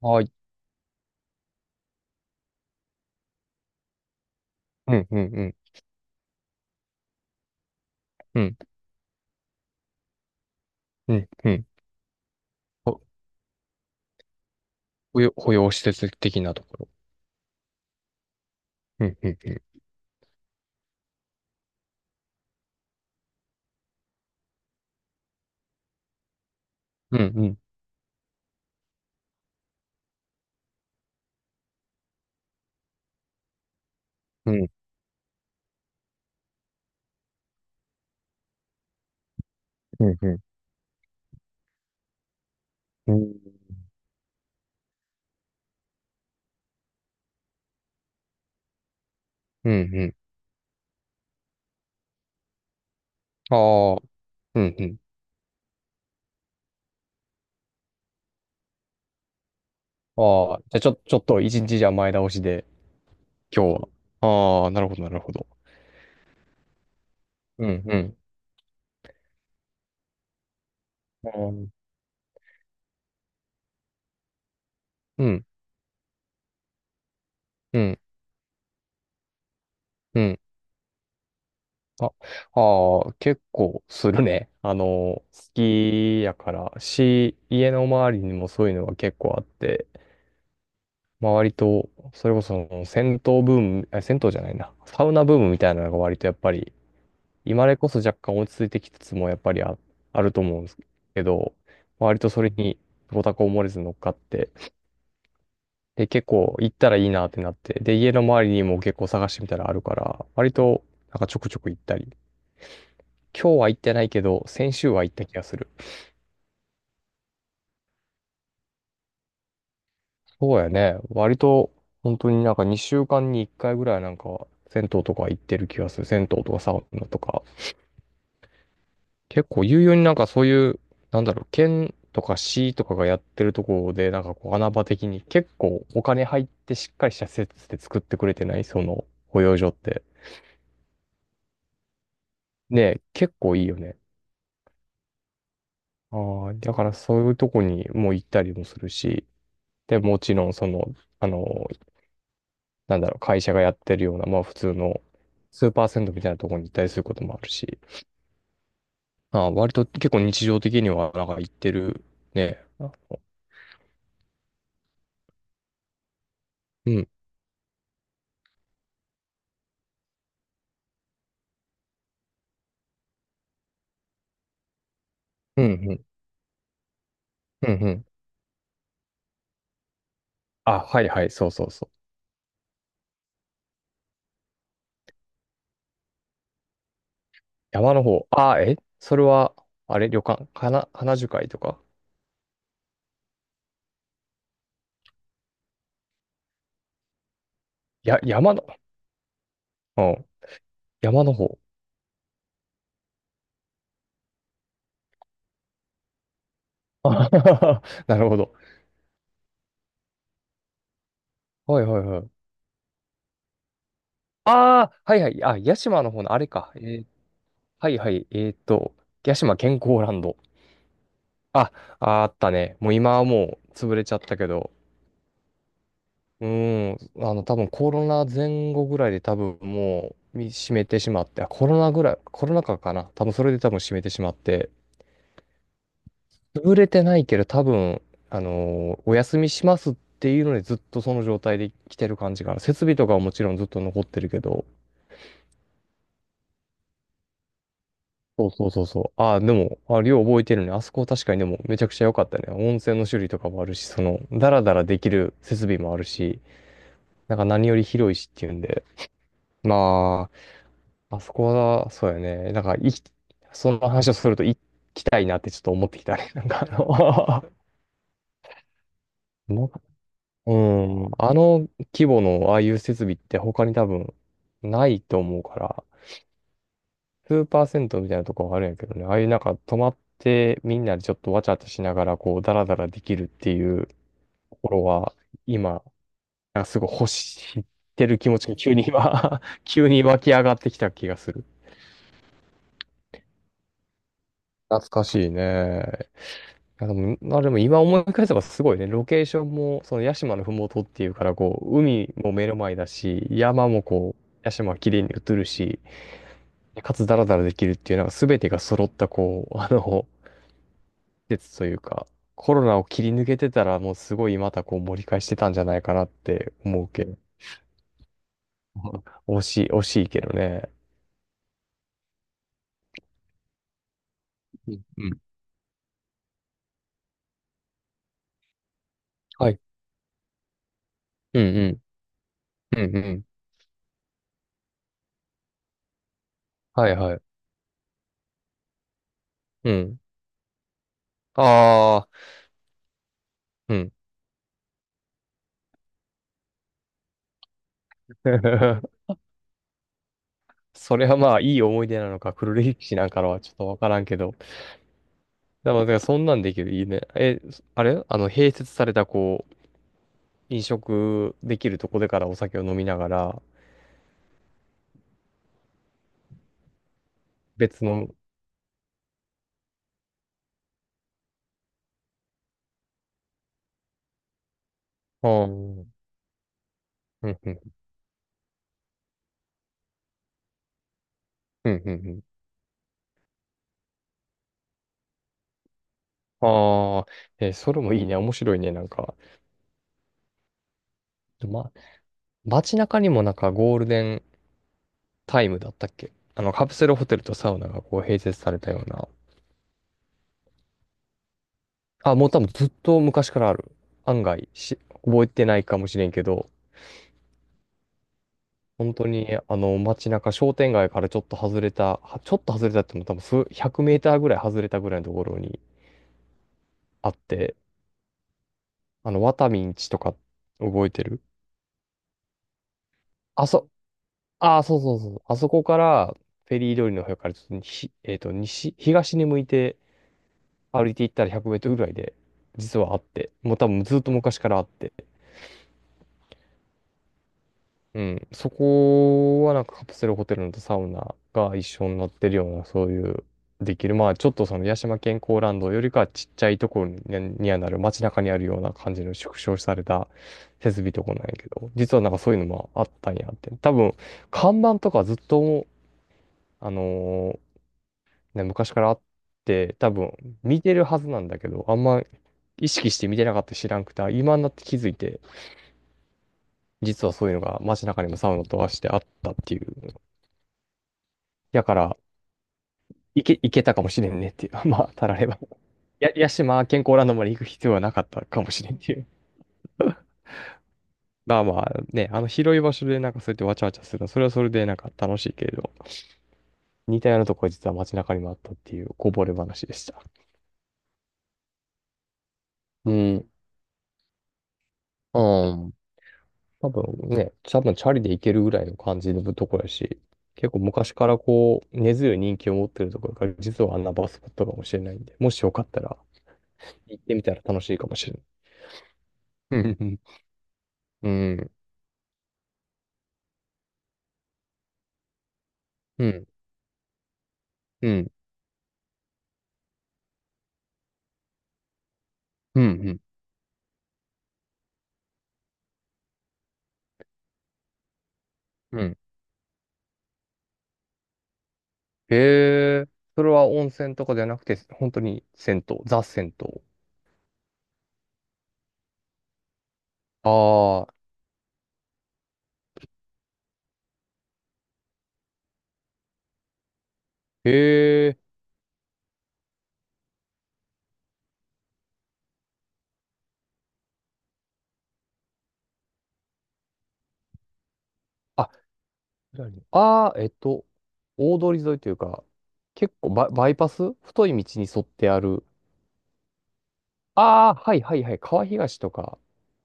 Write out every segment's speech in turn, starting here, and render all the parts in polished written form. はい。うん、うん、うん、うん、うん、うん。ほ保養、保養施設的なところ。うん、うん、うん、うん、うん、うん、うん、うん、うん、うん。ああ、うん、うん。ああ、じゃあちょっと一日じゃ前倒しで、今日は。ああ、なるほど、なるほど。うん、うん、あー、うん、うん、うん。うん。あ、ああ、結構するね。好きやから、家の周りにもそういうのが結構あって、まあ割と、それこそ銭湯ブーム、あ銭湯じゃないな、サウナブームみたいなのが割とやっぱり、今までこそ若干落ち着いてきつつもやっぱりあると思うんですけど、割とそれにご多幸漏れず乗っかって、で、結構行ったらいいなってなって、で、家の周りにも結構探してみたらあるから、割となんかちょくちょく行ったり、今日は行ってないけど、先週は行った気がする。そうやね、割と本当になんか2週間に1回ぐらいなんか、銭湯とか行ってる気がする。銭湯とかサウナとか。結構有用になんかそういう、なんだろう、県とか市とかがやってるところで、なんかこう穴場的に結構お金入ってしっかりした施設で作ってくれてないその保養所って。ねえ、結構いいよね。ああ、だからそういうとこにも行ったりもするし、で、もちろんその、あの、なんだろう、会社がやってるような、まあ普通のスーパー銭湯みたいなところに行ったりすることもあるし、ああ、割と結構日常的にはなんか行ってるね。うん、うん、うん、うん、うん。あ、はいはい、そうそうそう。山の方。それは、あれ、旅館、花樹海とか。や、山の、うん、山の方。あはは、なるほど。はいはいはい。ああ、はいはい。あ、屋島の方の、あれか。はいはい。屋島健康ランド。あ、ああったね。もう今はもう潰れちゃったけど。うーん。多分コロナ前後ぐらいで多分もう閉めてしまって、あ、コロナぐらい、コロナ禍かな。多分それで多分閉めてしまって。潰れてないけど、多分、お休みしますっていうのでずっとその状態で来てる感じかな。設備とかはもちろんずっと残ってるけど。そうそうそうそう。ああ、でも、あ、量覚えてるね。あそこ確かにでもめちゃくちゃ良かったね。温泉の種類とかもあるし、その、ダラダラできる設備もあるし、なんか何より広いしっていうんで。まあ、あそこは、そうやね。なんか、その話をすると行きたいなってちょっと思ってきたね。なんかもうん、あの規模のああいう設備って他に多分ないと思うから、スーパー銭湯みたいなとこはあるんやけどね、ああいうなんか泊まってみんなでちょっとわちゃわちゃしながらこうダラダラできるっていうところは今、なんかすごい欲してる気持ちが急に今 急に湧き上がってきた気がする。懐かしいね。いやでも、まあでも今思い返せばすごいね。ロケーションも、その屋島のふもとっていうから、こう、海も目の前だし、山もこう、屋島は綺麗に映るし、かつダラダラできるっていう、なんか全てが揃った、こう、季というか、コロナを切り抜けてたら、もうすごいまたこう盛り返してたんじゃないかなって思うけど。惜しい、惜しいけどね。うんうん。はい。うんうん。うんうん。はいはい。うん。ああ、うん。それはまあ、いい思い出なのか、黒歴史なんかのはちょっとわからんけど。でも、だからそんなんできる、いいね。あれ併設された、こう、飲食できるとこでからお酒を飲みながら、別の。ああ、うん、うん、うん、うん、うん。ああ、それもいいね。面白いね。なんか、ま、街中にもなんかゴールデンタイムだったっけカプセルホテルとサウナがこう併設されたような。あ、もう多分ずっと昔からある。案外覚えてないかもしれんけど、本当に、街中、商店街からちょっと外れた、ちょっと外れたっても多分数、100メーターぐらい外れたぐらいのところにあって、ワタミンチとか覚えてる。あそ、ああ、そうそうそう。あそこから、フェリー通りの方からちょっと西、西、東に向いて歩いていったら100メートルぐらいで、実はあって、もう多分ずっと昔からあって、うん。そこはなんかカプセルホテルのとサウナが一緒になってるような、そういう、できる。まあ、ちょっとその八島健康ランドよりかはちっちゃいところにはなる、街中にあるような感じの縮小された設備とこなんやけど、実はなんかそういうのもあったんやって。多分、看板とかずっと、あのーね、昔からあって、多分見てるはずなんだけど、あんま意識して見てなかった知らんくて、今になって気づいて、実はそういうのが街中にもサウナとはしてあったっていう。やから、いけたかもしれんねっていう。まあ、たられば。や、屋島健康ランドまで行く必要はなかったかもしれんっていう。まあまあね、あの広い場所でなんかそうやってわちゃわちゃするの、それはそれでなんか楽しいけれど、似たようなとこは実は街中にもあったっていうこぼれ話でした。うん。うん。多分ね、多分チャリで行けるぐらいの感じのところやし、結構昔からこう、根強い人気を持ってるところから、実はあんなバスポットかもしれないんで、もしよかったら行ってみたら楽しいかもしれない。うんうん、うん、うん、うん、うん、うん。うん。へえ、それは温泉とかじゃなくて、本当に銭湯、ザ銭湯。ああ、へえ、あ、ああ、大通り沿いというか、結構バイパス太い道に沿ってある。ああ、はいはいはい。川東とか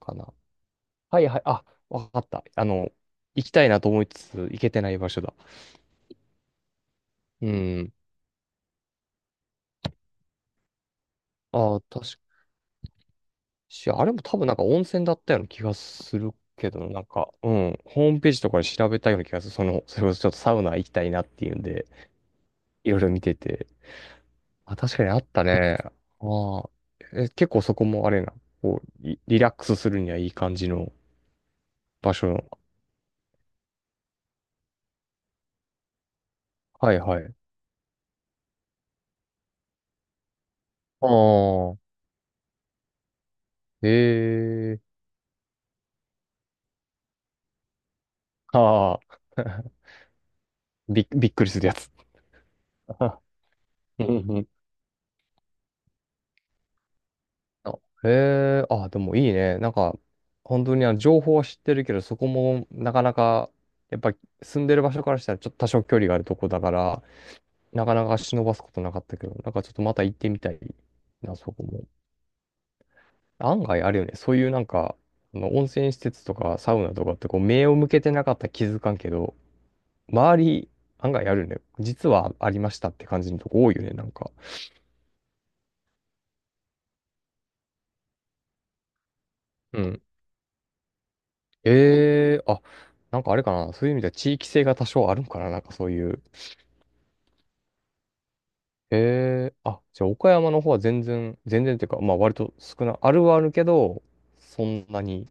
かな。はいはい。あ、わかった。行きたいなと思いつつ、行けてない場所だ。うん。ああ、確かあれも多分なんか温泉だったような気がするけど、なんか、うん。ホームページとかで調べたような気がする。その、それこそちょっとサウナ行きたいなっていうんで、いろいろ見てて。あ、確かにあったね。ああ。結構そこもあれな。こう、リラックスするにはいい感じの場所。はいはい。ああ。ええ、ああ。びっくりするやつ。うんうん。あ、へえ、あ、でもいいね。なんか、本当にあの情報は知ってるけど、そこもなかなか、やっぱり住んでる場所からしたらちょっと多少距離があるとこだから、なかなか忍ばすことなかったけど、なんかちょっとまた行ってみたいな、そこも。案外あるよね。そういうなんか、あの温泉施設とかサウナとかってこう目を向けてなかったら気づかんけど、周り案外あるよね。実はありましたって感じのとこ多いよね、なんか。うん。ええ、あ、なんかあれかな。そういう意味では地域性が多少あるんかな。なんかそういう。ええ、あ、じゃあ岡山の方は全然、全然っていうか、まあ割とあるはあるけど、そんなに。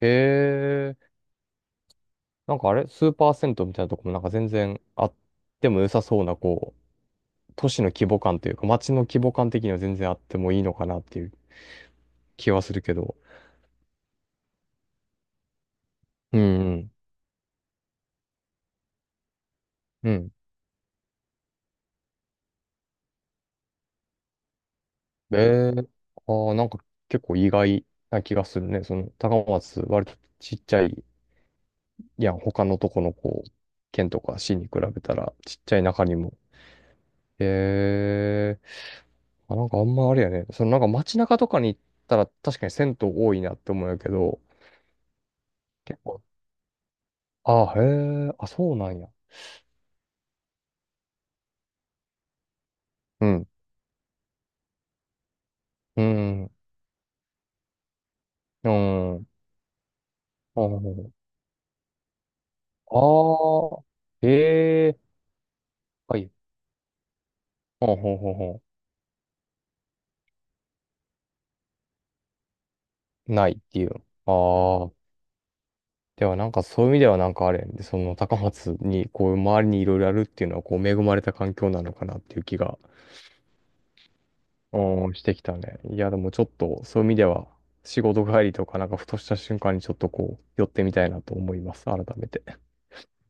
ええ、なんかあれ、スーパー銭湯みたいなとこもなんか全然あっても良さそうな、こう、都市の規模感というか、街の規模感的には全然あってもいいのかなっていう気はするけど。うん、うん。うん。ええ、ああー、なんか結構意外な気がするね。その、高松、割とちっちゃい。いや、他のとこのこう、県とか市に比べたらちっちゃい中にも。へえ。あ、なんかあんまあれやね。そのなんか街中とかに行ったら確かに銭湯多いなって思うんやけど、結構。あ、へえ。あ、そうなんや。うん。うん。うん。うん。ああ。へえ。はい。ほんほんほんほん。ないっていう。ああ。ではなんかそういう意味ではなんかあれやね。その高松にこう周りにいろいろあるっていうのはこう恵まれた環境なのかなっていう気が。うん、してきたね。いや、でもちょっと、そういう意味では、仕事帰りとか、なんかふとした瞬間にちょっとこう、寄ってみたいなと思います。改めて。